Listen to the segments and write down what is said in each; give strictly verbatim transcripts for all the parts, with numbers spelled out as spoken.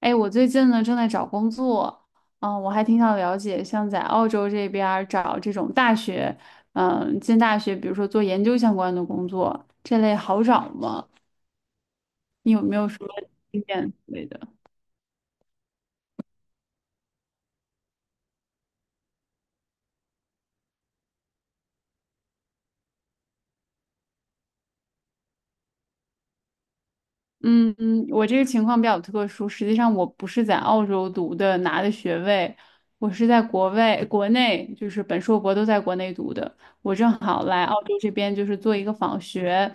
哎，我最近呢正在找工作，嗯，我还挺想了解，像在澳洲这边儿找这种大学，嗯，进大学，比如说做研究相关的工作，这类好找吗？你有没有什么经验之类的？嗯，我这个情况比较特殊。实际上，我不是在澳洲读的，拿的学位，我是在国外、国内，就是本硕博都在国内读的。我正好来澳洲这边，就是做一个访学，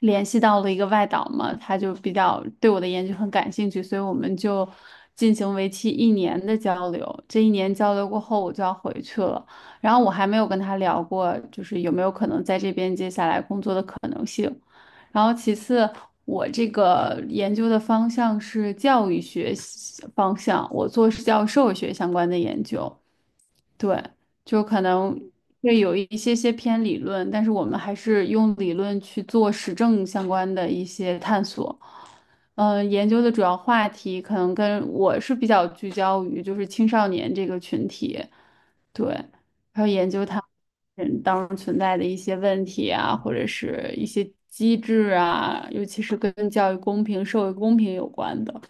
联系到了一个外导嘛，他就比较对我的研究很感兴趣，所以我们就进行为期一年的交流。这一年交流过后，我就要回去了。然后我还没有跟他聊过，就是有没有可能在这边接下来工作的可能性。然后其次，我这个研究的方向是教育学方向，我做是教授学相关的研究。对，就可能会有一些些偏理论，但是我们还是用理论去做实证相关的一些探索。嗯、呃研究的主要话题可能跟我是比较聚焦于就是青少年这个群体，对，还有研究他人当中存在的一些问题啊，或者是一些机制啊，尤其是跟教育公平、社会公平有关的。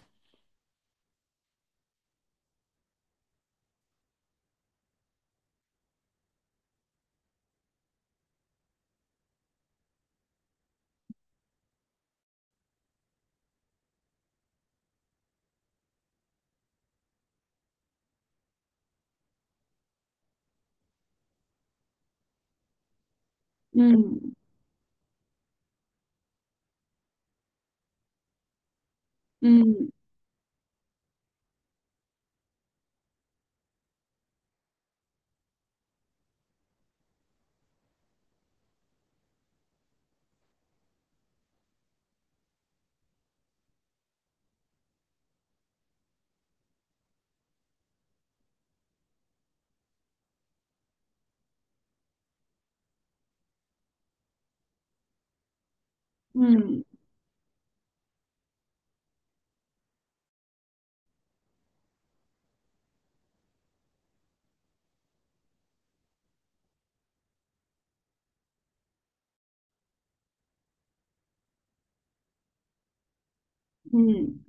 嗯嗯嗯嗯，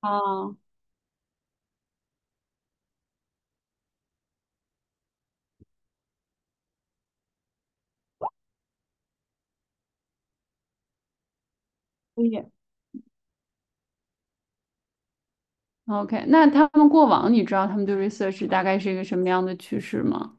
啊，可以。OK，那他们过往你知道他们对 research 大概是一个什么样的趋势吗？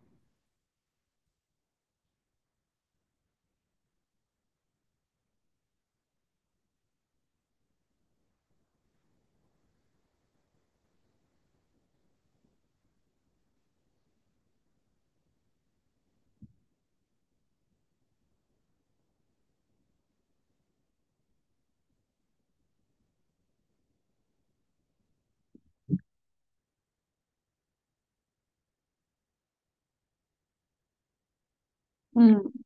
嗯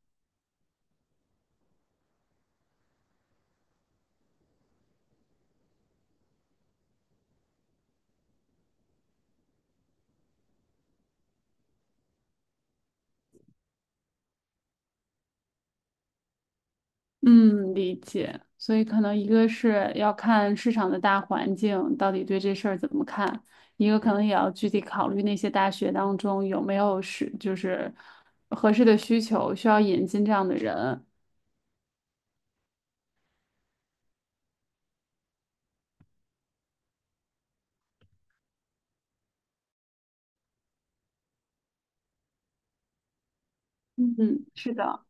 嗯，理解。所以可能一个是要看市场的大环境到底对这事儿怎么看，一个可能也要具体考虑那些大学当中有没有是就是合适的需求需要引进这样的人。嗯，是的。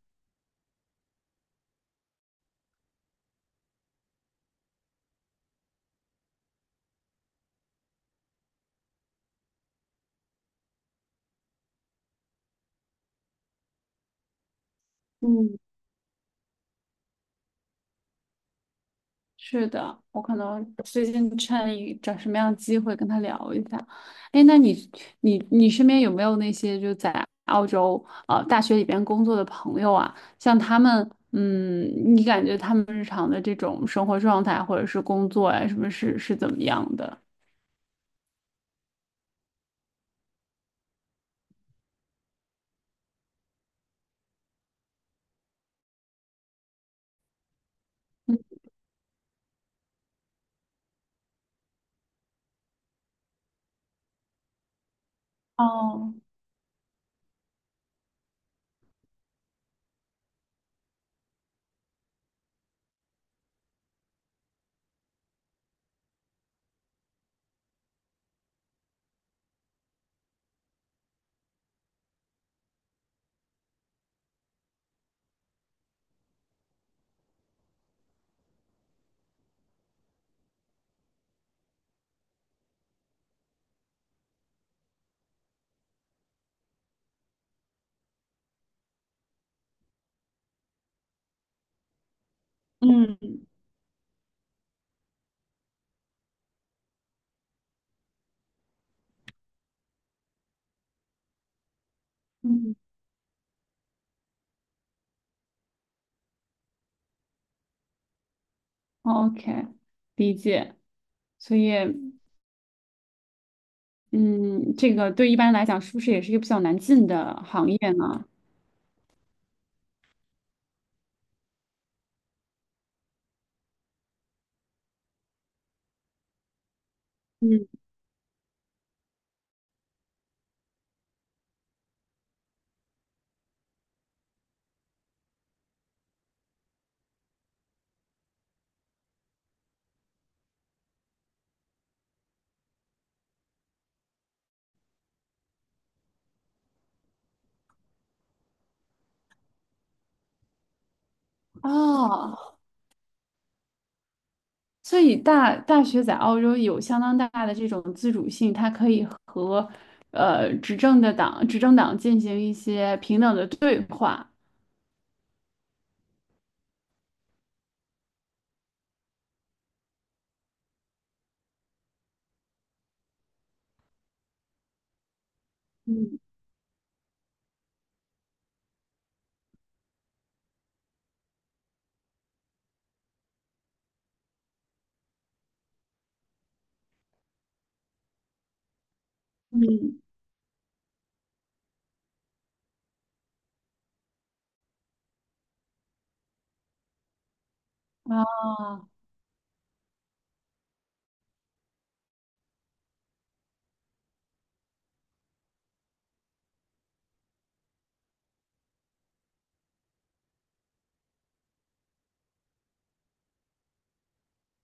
嗯。是的，我可能最近趁一找什么样的机会跟他聊一下。哎，那你你你身边有没有那些就在澳洲呃大学里边工作的朋友啊？像他们，嗯，你感觉他们日常的这种生活状态或者是工作呀、什么是是怎么样的？哦，嗯嗯，OK，理解。所以，嗯，这个对一般来讲，是不是也是一个比较难进的行业呢？嗯，哦。所以大大学在澳洲有相当大的这种自主性，它可以和呃执政的党执政党进行一些平等的对话。嗯嗯，啊。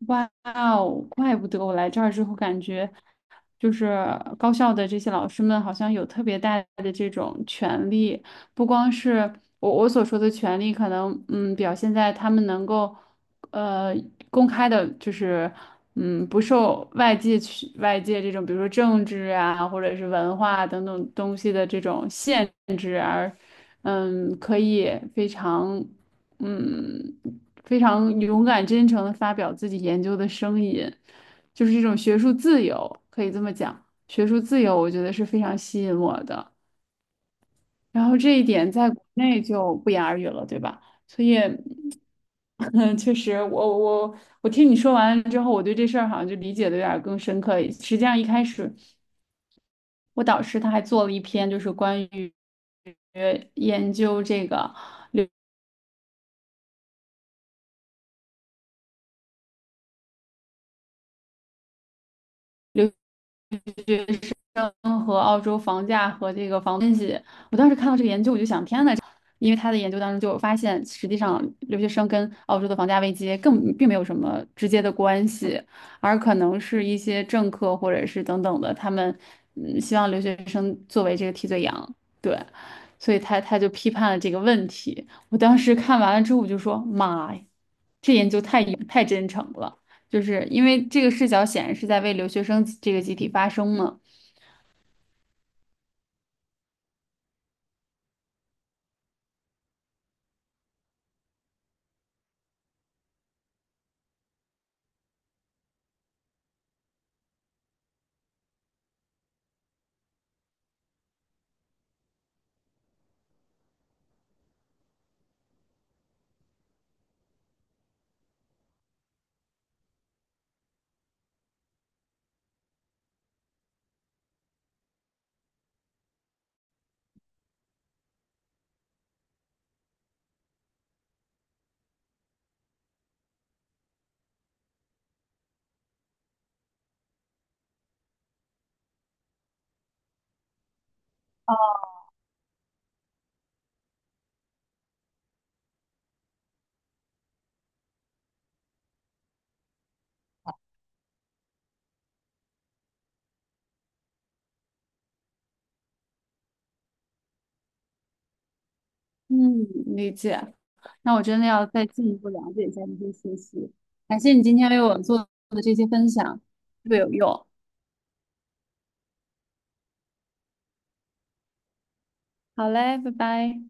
哇哦，怪不得我来这儿之后感觉，就是高校的这些老师们好像有特别大的这种权利，不光是我我所说的权利，可能嗯表现在他们能够呃公开的，就是嗯不受外界去外界这种，比如说政治啊或者是文化等等东西的这种限嗯，可以非常，嗯，非常勇敢、真诚的发表自己研究的声音，就是这种学术自由，可以这么讲。学术自由，我觉得是非常吸引我的。然后这一点在国内就不言而喻了，对吧？所以，嗯，确实，我我我听你说完之后，我对这事儿好像就理解的有点儿更深刻。实际上，一开始我导师他还做了一篇，就是关于研究这个。学生和澳洲房价和这个房东西。我当时看到这个研究，我就想，天呐，因为他的研究当中就有发现，实际上留学生跟澳洲的房价危机更并没有什么直接的关系，而可能是一些政客或者是等等的，他们嗯希望留学生作为这个替罪羊，对。所以他他就批判了这个问题。我当时看完了之后，我就说：“妈呀，这研究太太真诚了！”就是因为这个视角显然是在为留学生这个集体发声嘛。嗯，理解。那我真的要再进一步了解一下这些信息。感谢你今天为我做的这些分享，特别有用。好嘞，拜拜。